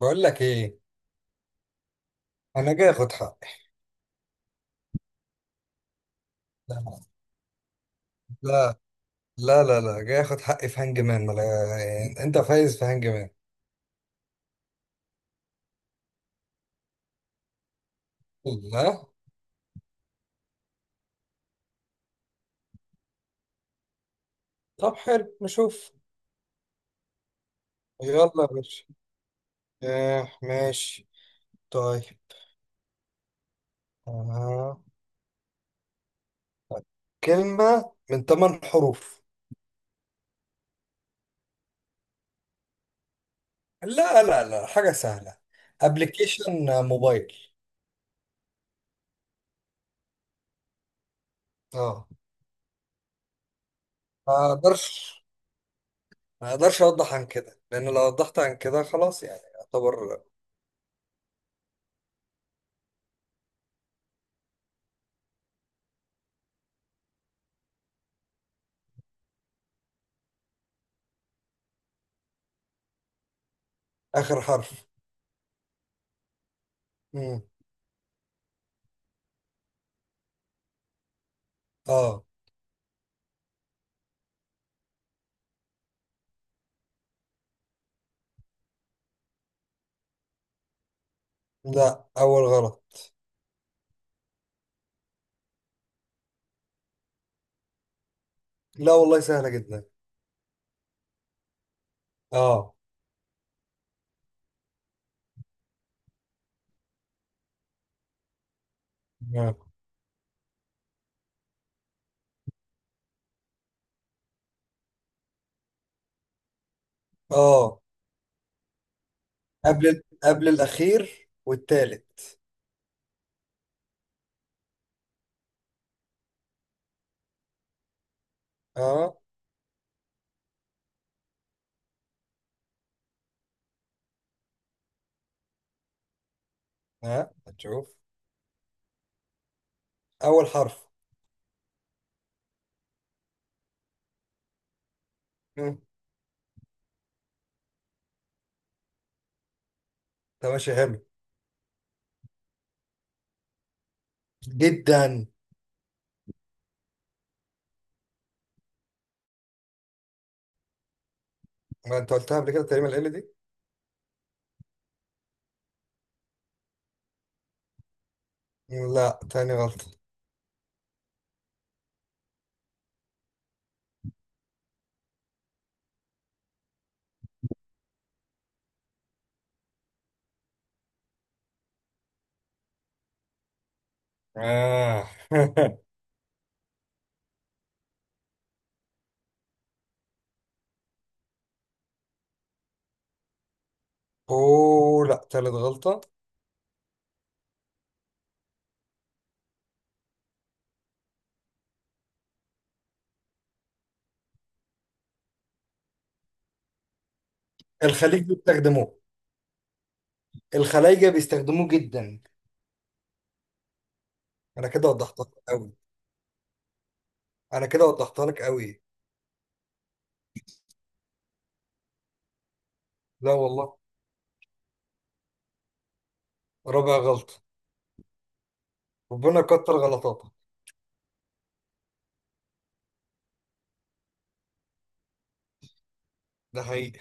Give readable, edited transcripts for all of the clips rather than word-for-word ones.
بقول لك ايه. انا جاي اخد حقي. لا لا لا، لا جاي اخد حقي في هانج مان. ما لا- يعني انت فايز في هانج مان. لا. طب حلو نشوف. يلا يا باشا. آه ماشي. طيب. آه. كلمة من ثمان حروف. لا لا لا، حاجة سهلة. ابلكيشن موبايل. اه. ما اقدرش، ما اقدرش اوضح عن كده، لان لو وضحت عن كده خلاص يعني يعتبر. اخر حرف. مم. اه. لا، اول غلط. لا والله سهلة جدا. اه اه. آه. قبل الأخير والتالت. اه. ها هتشوف. أول حرف. مم. ده ماشي حلو. جدا. ما أنت قلتها قبل كده تقريبا ال دي. لا، تاني غلطة. آه أوه، لا، تالت غلطة. الخليج بيستخدموه. الخلايجة بيستخدموه جدا. أنا كده وضحتها لك أوي. أنا كده وضحتها لك أوي. لا والله. رابع غلطة. ربنا كتر غلطاتك. ده حقيقي.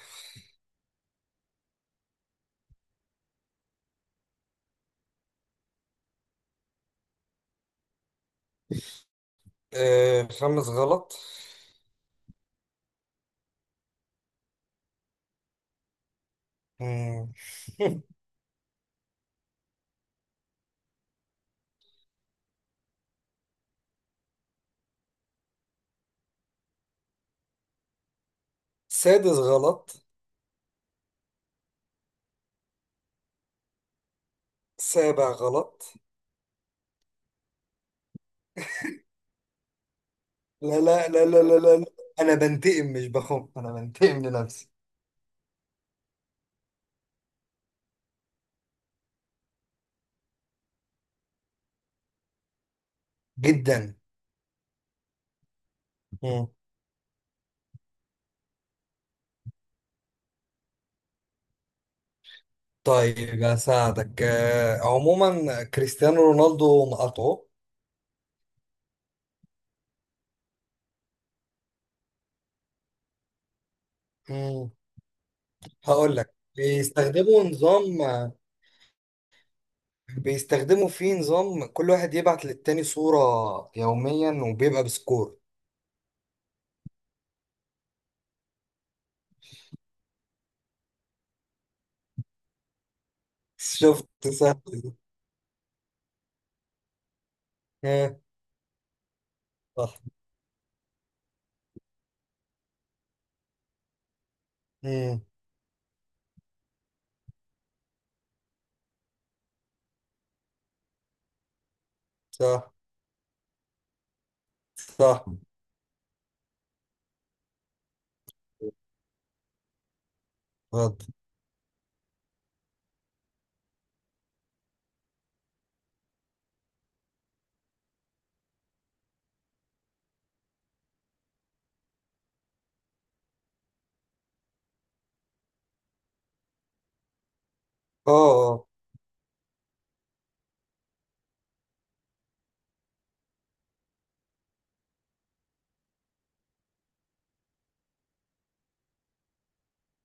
آه خامس غلط. مم. سادس غلط. سابع غلط. لا لا لا لا لا لا لا. انا بنتقم مش بخم، انا بنتقم لنفسي. جدا. مم. طيب هساعدك. آه، عموما كريستيانو رونالدو نقطعه. مم. هقول لك بيستخدموا نظام، بيستخدموا فيه نظام كل واحد يبعت للتاني صورة يوميا وبيبقى بسكور. شفت؟ سهل. آه، صح. مم. صح. صح. غلط. اه اه.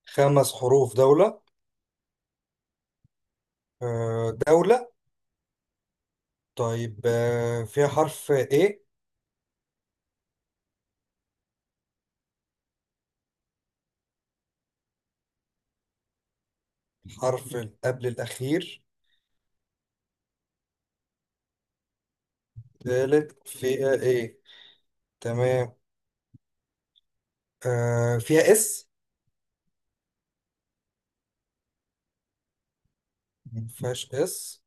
خمس حروف دولة. آه، دولة. طيب آه، فيها حرف ايه. حرف قبل الأخير. تالت فيها ايه. تمام. آه، فيها اس. مفيهاش اس.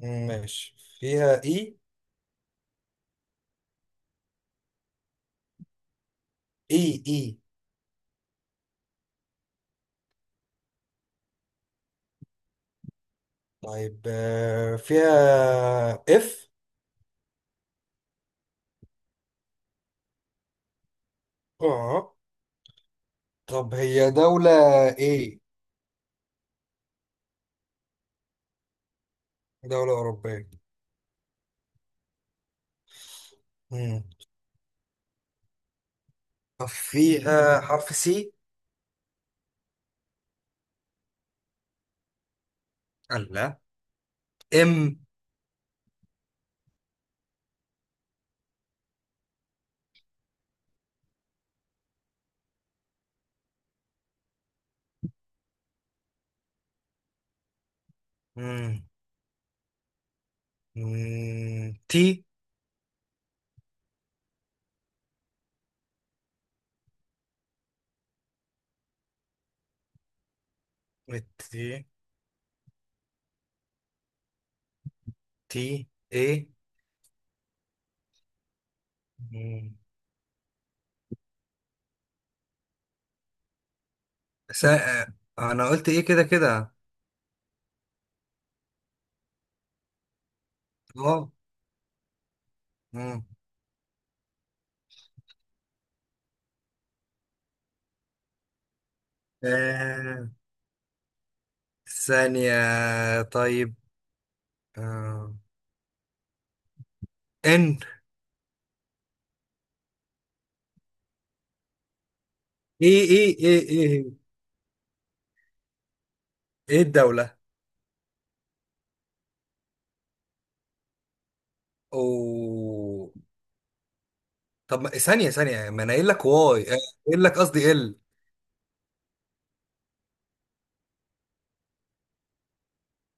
ماشي فيها اي. اي اي. طيب آه، فيها اف. اه. طب هي دولة. ايه. دولة أوروبية. مم. طب فيها حرف سي. لا. ام. مم، تي. والتي. تي ايه. مم. سا... انا قلت ايه كده كده. اه. مم. آه، ثانية. طيب. آه. ان. ايه ايه ايه ايه. ايه الدولة. او. طب ما- ثانية ثانية، ما انا قايل لك واي آه، قايل لك قصدي ال.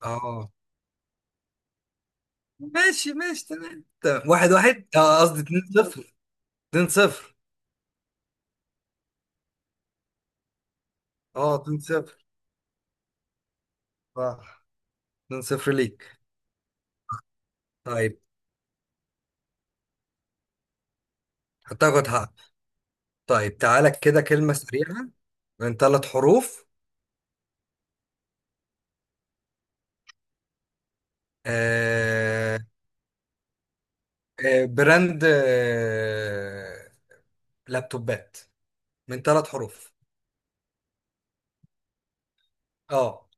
اه. ماشي ماشي، تمام تمام. واحد واحد، اه قصدي اتنين صفر. اتنين صفر. اه اتنين صفر. صح. اتنين صفر ليك. طيب هتاخد حق. طيب تعالى كده كلمة سريعة. من ثلاث حروف. آه آه، براند آه لابتوبات. من ثلاث حروف. اه.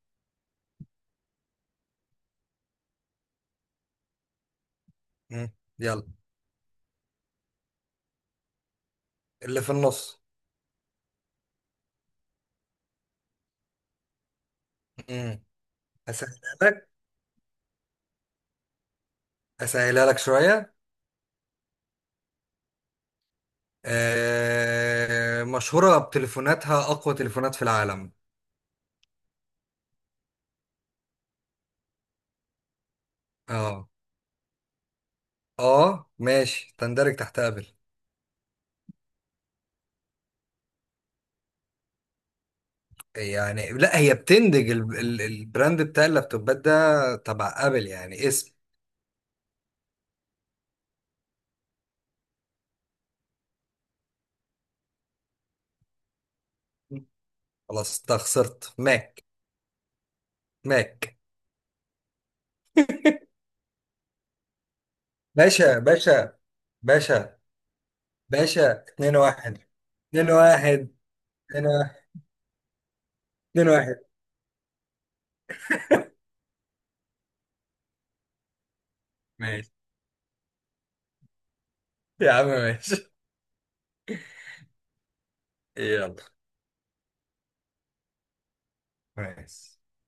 مم. يلا. اللي في النص. مم. اسهلها لك. اسهلها لك شوية. آه مشهورة بتليفوناتها، اقوى تليفونات في العالم. اه. اه ماشي، تندرج تحت ابل. يعني لا، هي بتندج البراند بتاع اللابتوبات ده تبع ابل، يعني اسم. خلاص انت خسرت. ماك. ماك. باشا باشا. باشا باشا 2 1. 2 1. 2 1. 2 1. ماشي. يا عم ماشي. يلا ماشي